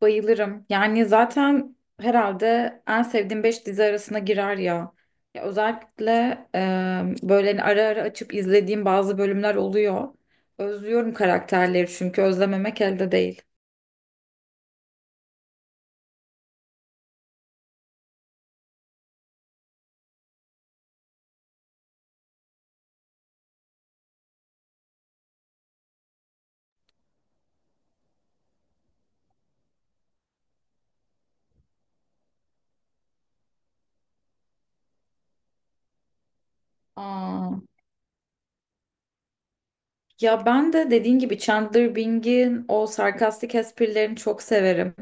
Bayılırım. Yani zaten herhalde en sevdiğim 5 dizi arasına girer ya. Ya özellikle böyle hani ara ara açıp izlediğim bazı bölümler oluyor. Özlüyorum karakterleri çünkü özlememek elde değil. Aa, ya ben de dediğin gibi Chandler Bing'in o sarkastik esprilerini çok severim.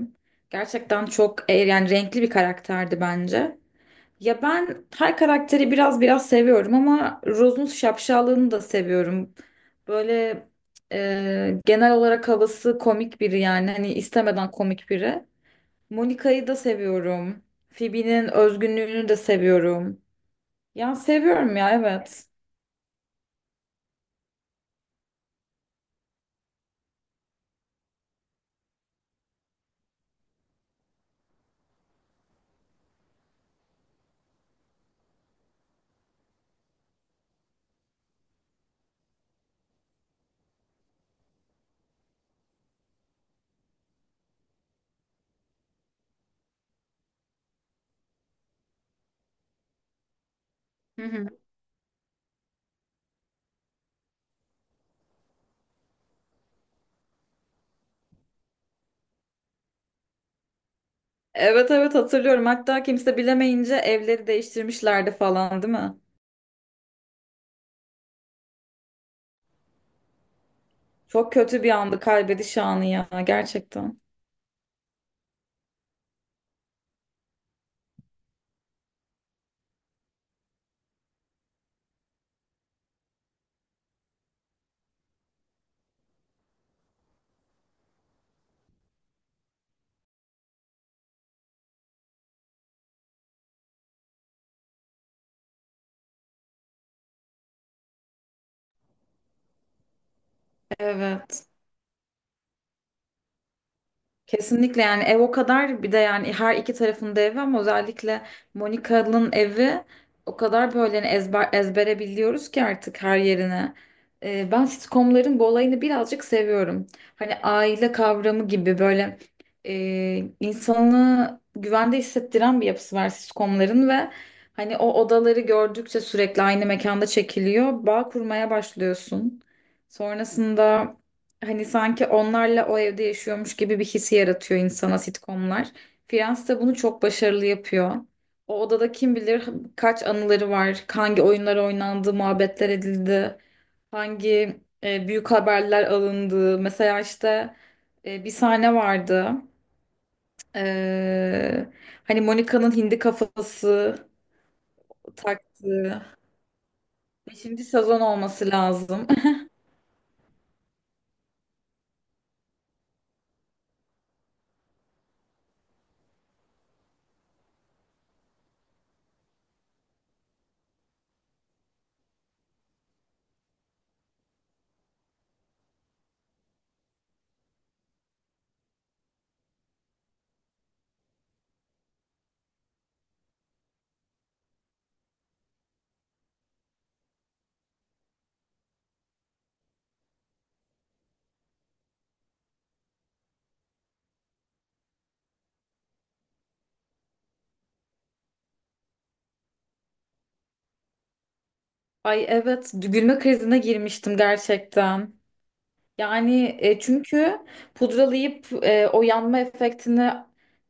Gerçekten çok yani renkli bir karakterdi bence. Ya ben her karakteri biraz biraz seviyorum ama Rose'un şapşallığını da seviyorum. Böyle genel olarak havası komik biri yani hani istemeden komik biri. Monica'yı da seviyorum. Phoebe'nin özgünlüğünü de seviyorum. Ya seviyorum ya evet. Hı hı. Evet, evet, hatırlıyorum. Hatta kimse bilemeyince evleri değiştirmişlerdi falan, değil mi? Çok kötü bir andı kaybediş anı ya, gerçekten. Evet. Kesinlikle, yani ev o kadar, bir de yani her iki tarafında evi ama özellikle Monika'nın evi o kadar böyle hani ezbere biliyoruz ki artık her yerine. Ben sitcomların bu olayını birazcık seviyorum. Hani aile kavramı gibi böyle insanı güvende hissettiren bir yapısı var sitcomların ve hani o odaları gördükçe sürekli aynı mekanda çekiliyor. Bağ kurmaya başlıyorsun. Sonrasında hani sanki onlarla o evde yaşıyormuş gibi bir hissi yaratıyor insana sitcomlar. Friends de bunu çok başarılı yapıyor. O odada kim bilir kaç anıları var, hangi oyunlar oynandı, muhabbetler edildi, hangi büyük haberler alındı. Mesela işte bir sahne vardı. E, Hani Monica'nın hindi kafası taktığı. Beşinci sezon olması lazım. Ay evet, gülme krizine girmiştim gerçekten. Yani çünkü pudralayıp o yanma efektini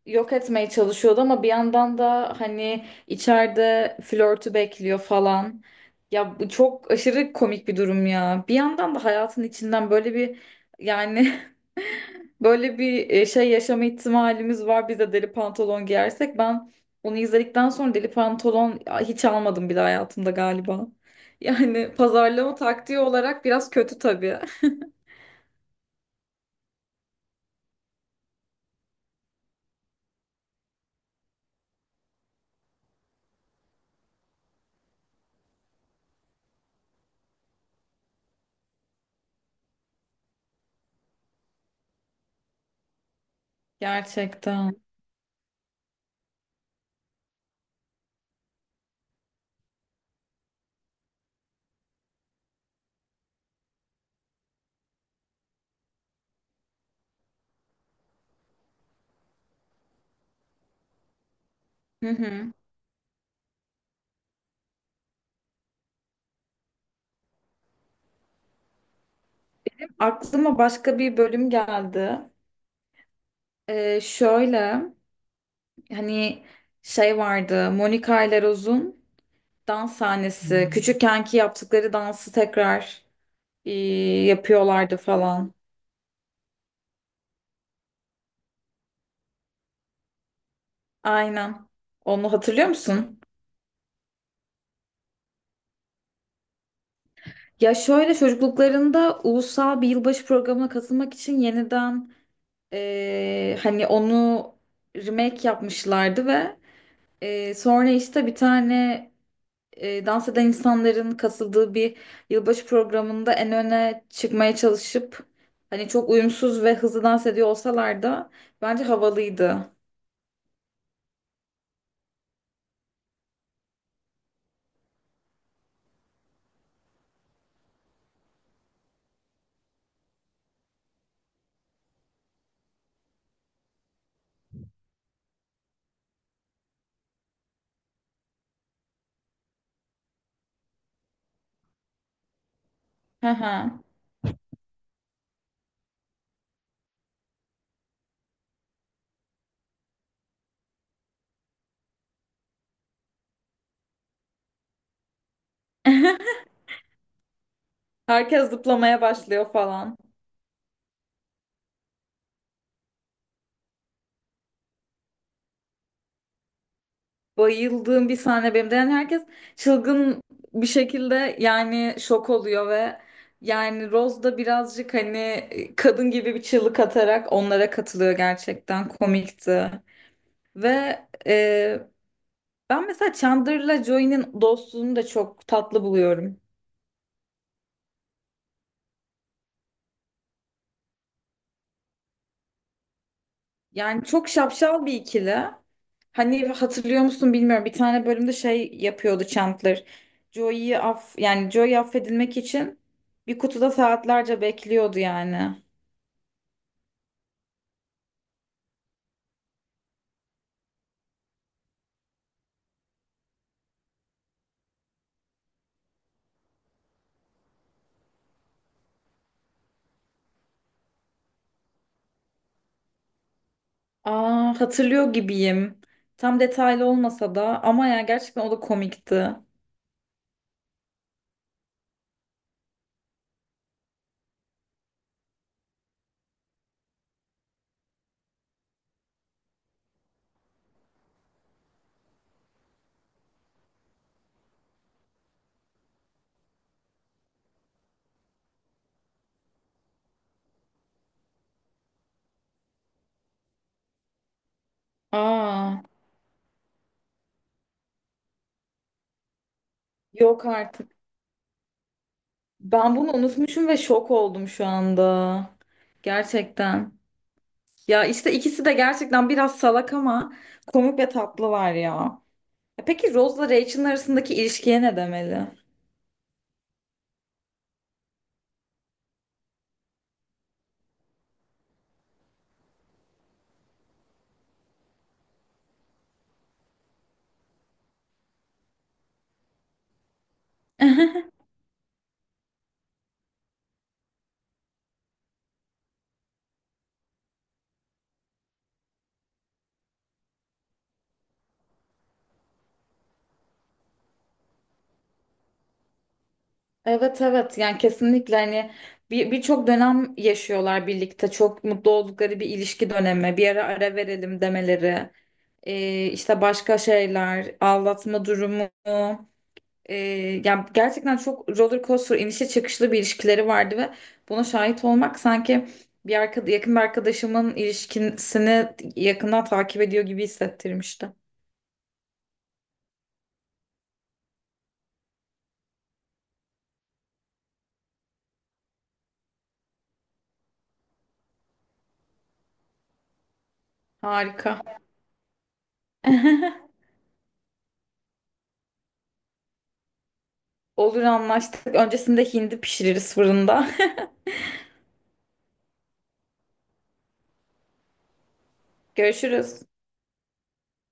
yok etmeye çalışıyordu ama bir yandan da hani içeride flörtü bekliyor falan. Ya bu çok aşırı komik bir durum ya. Bir yandan da hayatın içinden böyle bir yani böyle bir şey yaşama ihtimalimiz var. Biz de deli pantolon giyersek ben onu izledikten sonra deli pantolon hiç almadım bile hayatımda galiba. Yani pazarlama taktiği olarak biraz kötü tabii. Gerçekten. Hı hı. Aklıma başka bir bölüm geldi. Şöyle hani şey vardı, Monica ile Rose'un dans sahnesi. Küçükkenki yaptıkları dansı tekrar e, yapıyorlardı falan. Aynen. Onu hatırlıyor musun? Ya şöyle, çocukluklarında ulusal bir yılbaşı programına katılmak için yeniden hani onu remake yapmışlardı ve sonra işte bir tane dans eden insanların katıldığı bir yılbaşı programında en öne çıkmaya çalışıp hani çok uyumsuz ve hızlı dans ediyor olsalar da bence havalıydı. Hı hı. Herkes zıplamaya başlıyor falan. Bayıldığım bir sahne benim de. Yani herkes çılgın bir şekilde yani şok oluyor ve yani Rose da birazcık hani kadın gibi bir çığlık atarak onlara katılıyor, gerçekten komikti. Ve ben mesela Chandler'la Joey'nin dostluğunu da çok tatlı buluyorum. Yani çok şapşal bir ikili. Hani hatırlıyor musun bilmiyorum. Bir tane bölümde şey yapıyordu Chandler. Joey affedilmek için bir kutuda saatlerce bekliyordu yani. Aa, hatırlıyor gibiyim. Tam detaylı olmasa da ama ya gerçekten o da komikti. Aa, yok artık. Ben bunu unutmuşum ve şok oldum şu anda. Gerçekten. Ya işte ikisi de gerçekten biraz salak ama komik ve tatlılar ya. E peki, Rose'la Rachel'ın arasındaki ilişkiye ne demeli? Evet, evet, yani kesinlikle hani bir, birçok dönem yaşıyorlar birlikte. Çok mutlu oldukları bir ilişki dönemi. Bir ara ara verelim demeleri. İşte başka şeyler, aldatma durumu. Ee, Yani gerçekten çok roller coaster, inişe çıkışlı bir ilişkileri vardı ve buna şahit olmak sanki yakın bir arkadaşımın ilişkisini yakından takip ediyor gibi hissettirmişti. Harika. Olur, anlaştık. Öncesinde hindi pişiririz fırında. Görüşürüz.